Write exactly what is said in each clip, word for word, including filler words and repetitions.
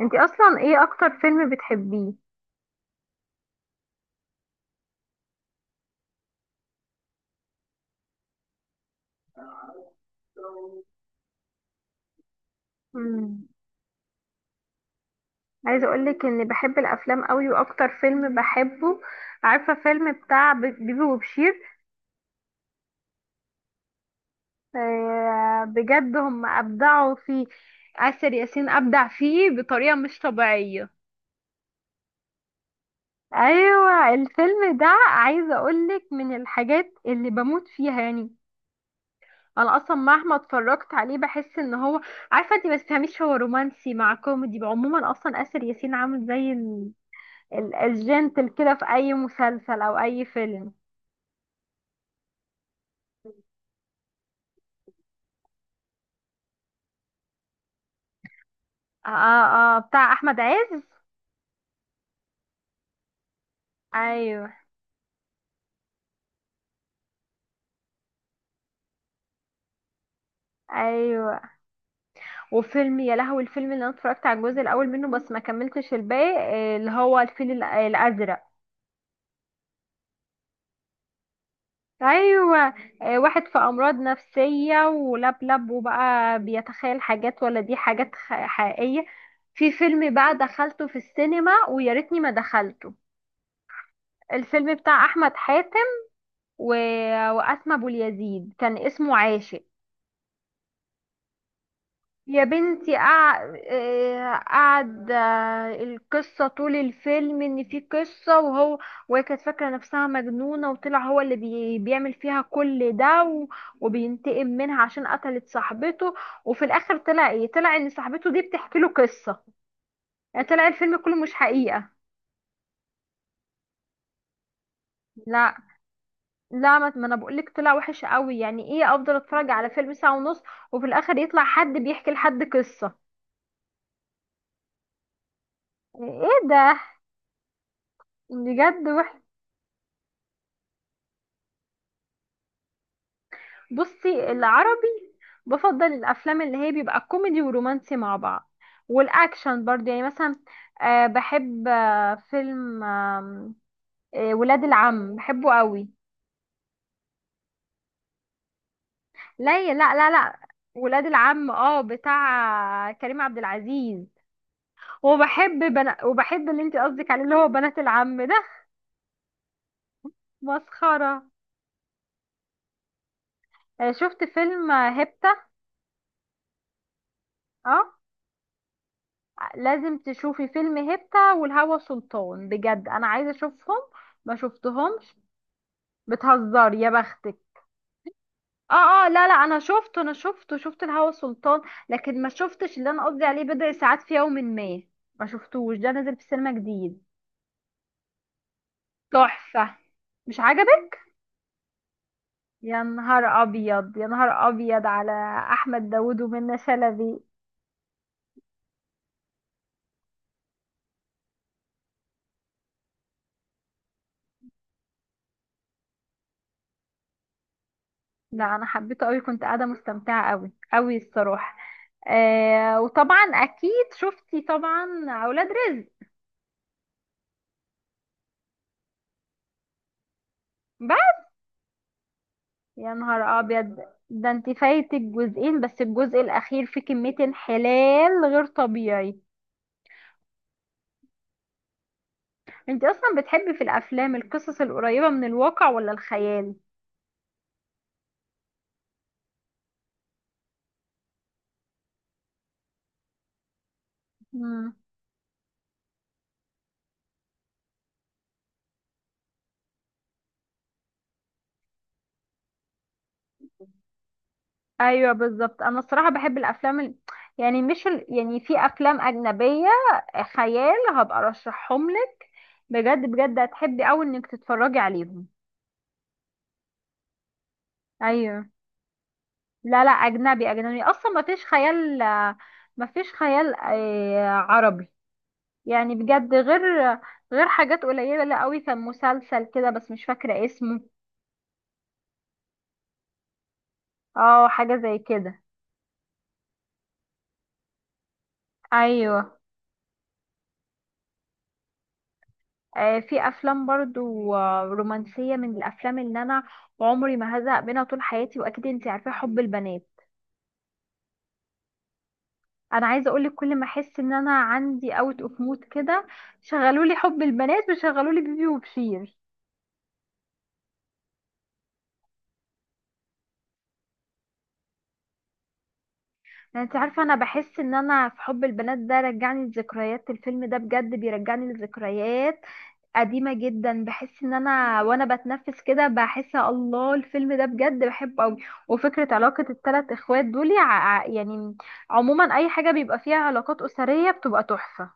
انتي اصلا ايه اكتر فيلم بتحبيه؟ مم. عايزه اقولك اني بحب الافلام قوي واكتر فيلم بحبه. عارفه فيلم بتاع ب- بيبي وبشير. آه، بجد هم ابدعوا فيه. آسر ياسين ابدع فيه بطريقه مش طبيعيه. ايوه، الفيلم ده عايزه اقولك من الحاجات اللي بموت فيها يعني. انا اصلا مهما اتفرجت عليه بحس ان هو. عارفه انت ما تفهميش، هو رومانسي مع كوميدي، عموما اصلا اسر ياسين عامل زي ال... ال... الجنتل كده في اي مسلسل او اي فيلم. اه، اه، آه، بتاع احمد عز. ايوه ايوه. وفيلم يا لهوي، الفيلم اللي انا اتفرجت على الجزء الاول منه بس ما كملتش الباقي، آه، اللي هو الفيل الأ- الازرق. ايوه. آه، واحد في امراض نفسيه ولاب لاب وبقى بيتخيل حاجات، ولا دي حاجات خ- حقيقيه. في فيلم بقى دخلته في السينما ويا ريتني ما دخلته. الفيلم بتاع احمد حاتم و... واسماء ابو اليزيد، كان اسمه عاشق. يا بنتي، قع- آه، قعد، آه، القصة طول الفيلم ان في قصة، وهو وهي كانت فاكرة نفسها مجنونة، وطلع هو اللي بي... بيعمل فيها كل ده و... وبينتقم منها عشان قتلت صاحبته. وفي الاخر طلع ايه؟ طلع ان صاحبته دي بتحكي له قصة، يعني طلع الفيلم كله مش حقيقة. لا، لا، ما ما انا بقولك طلع وحش قوي، يعني ايه افضل اتفرج على فيلم ساعة ونص وفي الاخر يطلع حد بيحكي لحد قصة؟ ايه ده؟ بجد. بصي، العربي. بفضل الافلام اللي هي بيبقى كوميدي ورومانسي مع بعض، والاكشن برضه يعني مثلا. آه بحب آه فيلم، آم، آه ولاد العم بحبه قوي. لا، لا، لا، لا. ولاد العم، اه بتاع كريم عبد العزيز. وبحب بنا... وبحب اللي انت قصدك عليه، اللي هو بنات العم ده، مسخرة. آه شفت فيلم، آه، هيبتا. اه، لازم تشوفي فيلم هيبتا والهوى سلطان، بجد انا عايزة اشوفهم، ما شفتهمش. بتهزر؟ يا بختك! اه، اه، لا، لا، انا شفته انا شفته شفت الهوى سلطان، لكن ما شفتش اللي انا قصدي عليه، بضع ساعات في يوم ما، ما شفتوش، ده نزل في السينما جديد. تحفة. مش عجبك؟ يا نهار ابيض، يا نهار ابيض على احمد داوود ومنى شلبي. لا، انا حبيته قوي، كنت قاعده مستمتعه قوي قوي الصراحه. آه وطبعا اكيد شفتي طبعا اولاد رزق. يا نهار ابيض. ده انت فايتك جزئين، بس الجزء الاخير فيه كمية انحلال غير طبيعي. انت اصلا بتحبي في الافلام القصص القريبة من الواقع ولا الخيال؟ مم. ايوه بالظبط، انا الصراحة بحب الافلام ال... يعني مش ال... يعني في افلام اجنبية خيال، هبقى ارشحهم لك، بجد بجد هتحبي اوي انك تتفرجي عليهم. ايوه. لا، لا، اجنبي اجنبي اصلا ما فيش خيال، ما فيش خيال، آه، عربي يعني، بجد، غير غير حاجات قليلة قوي، كان مسلسل كده بس مش فاكرة اسمه. اه، حاجة زي كده. ايوه. آه في افلام برضو، آه، رومانسية، من الافلام اللي انا عمري ما هزهق منها طول حياتي، واكيد انتي عارفة حب البنات. انا عايزة اقولك كل ما احس ان انا عندي اوت اوف مود كده، شغلولي حب البنات وشغلولي بيبي وبشير. يعني انت عارفة انا بحس ان انا في حب البنات ده رجعني لذكريات، الفيلم ده بجد بيرجعني لذكريات قديمة جدا، بحس ان انا وانا بتنفس كده، بحس الله، الفيلم ده بجد بحبه قوي. وفكرة علاقة الثلاث اخوات دول ع- ع- يعني، عموما اي حاجة بيبقى فيها علاقات اسرية بتبقى تحفة.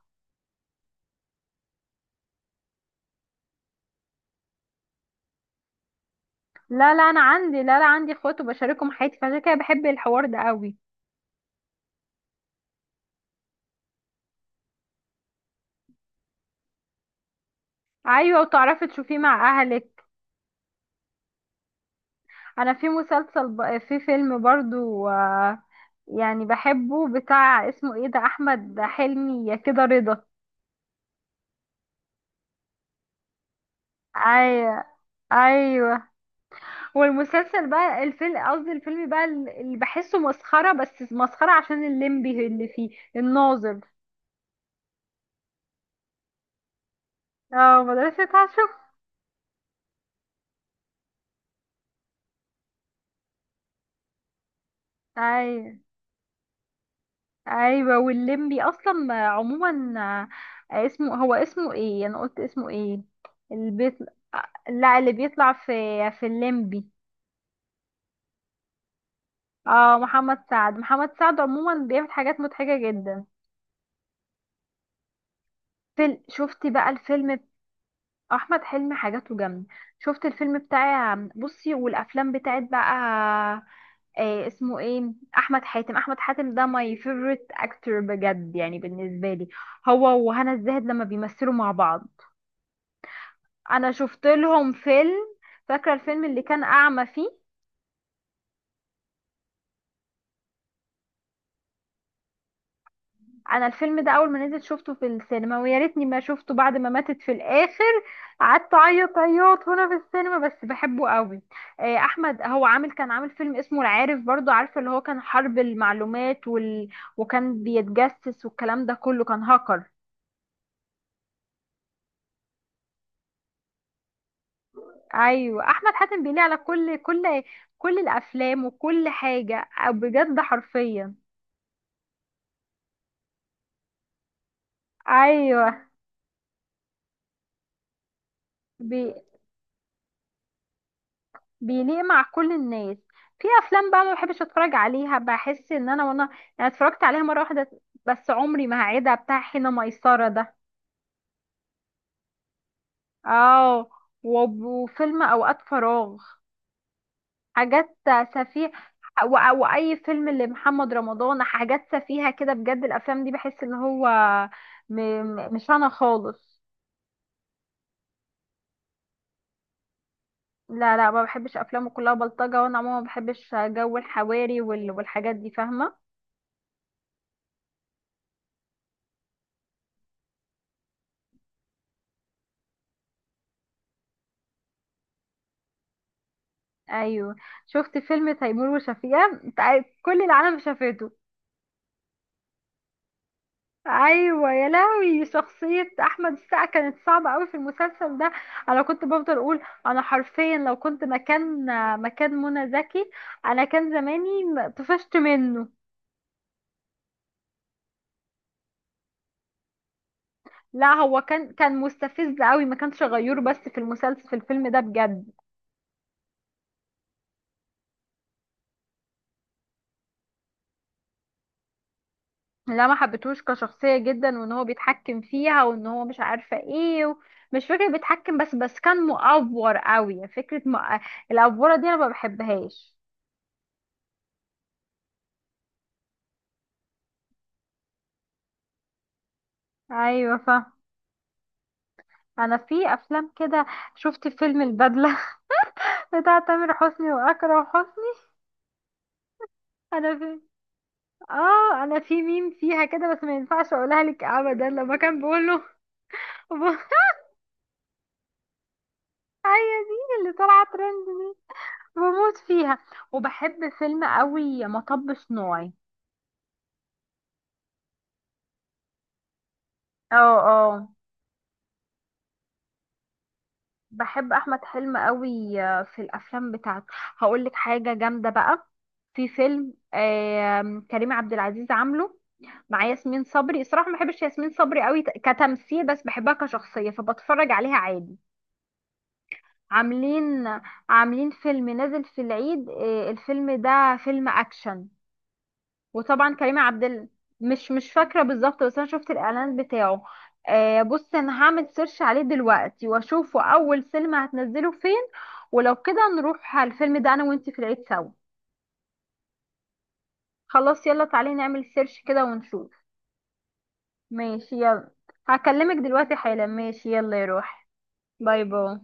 لا، لا، انا عندي، لا، لا، عندي اخوات وبشاركهم حياتي، فعشان كده بحب الحوار ده قوي. ايوه، وتعرفي تشوفيه مع اهلك. انا في مسلسل ب... في فيلم برضو، آه، يعني بحبه، بتاع اسمه ايه ده، احمد حلمي يا كده، رضا. ايوه، ايوه، هو المسلسل بقى الفيلم قصدي، الفيلم بقى اللي بحسه مسخرة، بس مسخرة عشان الليمبي اللي فيه، الناظر. اه، مدرسة عشر. أي. أيوة، والليمبي أصلا عموما، آه، اسمه، هو اسمه ايه، أنا قلت اسمه ايه، اللي بيطلع، لا، اللي بيطلع في في الليمبي. اه، محمد سعد، محمد سعد عموما بيعمل حاجات مضحكة جدا. فيل... شفتي بقى الفيلم ب- أحمد حلمي، حاجاته جامدة. شفت الفيلم بتاع، بصي، والأفلام بتاعت بقى آه اسمه ايه، احمد حاتم، احمد حاتم ده ماي فيفورت اكتور، بجد يعني بالنسبه لي، هو وهنا الزاهد لما بيمثلوا مع بعض. انا شفت لهم فيلم، فاكره الفيلم اللي كان اعمى فيه؟ انا الفيلم ده اول ما نزل شفته في السينما ويا ريتني ما شفته، بعد ما ماتت في الاخر قعدت اعيط عياط هنا في السينما، بس بحبه قوي. آه احمد هو عامل كان عامل فيلم اسمه العارف برضو، عارفه، اللي هو كان حرب المعلومات وال... وكان بيتجسس، والكلام ده كله، كان هاكر. ايوه، احمد حاتم بيليه على كل كل كل الافلام، وكل حاجه، آه، بجد حرفيا. ايوه، بي بيليق مع كل الناس. في افلام بقى ما بحبش اتفرج عليها، بحس ان انا وانا يعني اتفرجت عليها مره واحده بس، عمري ما هعيدها، بتاع حين ميسره ده. اه، وب- وفيلم اوقات فراغ، حاجات سفيه، و- واي فيلم لمحمد رمضان، حاجات سفيهه كده، بجد الافلام دي بحس ان هو م- م- مش انا خالص. لا، لا، ما بحبش افلامه، كلها بلطجه، وانا عموما ما بحبش جو الحواري وال... والحاجات دي، فاهمه. ايوه. شفت فيلم تيمور وشفيقة، تع- كل العالم شافته. ايوه يا لهوي، شخصيه احمد السقا كانت صعبه قوي في المسلسل ده، انا كنت بفضل اقول انا حرفيا لو كنت مكان، مكان منى زكي، انا كان زماني م- طفشت منه. لا، هو كان كان مستفز قوي، ما كانش غيور، بس في المسلسل، في الفيلم ده بجد. لا، ما حبيتهوش كشخصية جدا، وان هو بيتحكم فيها، وان هو مش عارفة ايه و... مش فكرة بيتحكم، بس بس كان مؤفور قوي، فكرة م... آه، الأفورة دي انا ما بحبهاش. ايوه فاهمة. انا في افلام كده، شفت فيلم البدلة بتاع تامر حسني واكرم حسني. انا في اه انا في ميم فيها كده، بس ما ينفعش اقولها لك ابدا، لما كان بيقول له هي دي اللي طالعة ترند دي، بموت فيها. وبحب فيلم قوي مطب صناعي. اه، اه، بحب احمد حلمي قوي، آه، في الافلام بتاعته. هقول لك حاجه جامده بقى، في فيلم آم، كريم عبد العزيز عامله مع ياسمين صبري، الصراحه ما بحبش ياسمين صبري قوي ت- كتمثيل، بس بحبها كشخصيه فبتفرج عليها عادي. عاملين عاملين فيلم نازل في العيد، آه، الفيلم ده فيلم اكشن، وطبعا كريم عبد ال... مش مش فاكره بالظبط، بس انا شفت الاعلان بتاعه. آه بص، انا هعمل سيرش عليه دلوقتي واشوفه اول سينما هتنزله فين، ولو كده نروح على الفيلم ده انا وانتي في العيد سوا. خلاص، يلا تعالي نعمل سيرش كده ونشوف. ماشي، يلا، هكلمك دلوقتي حالا. ماشي يلا يروح، باي، باي.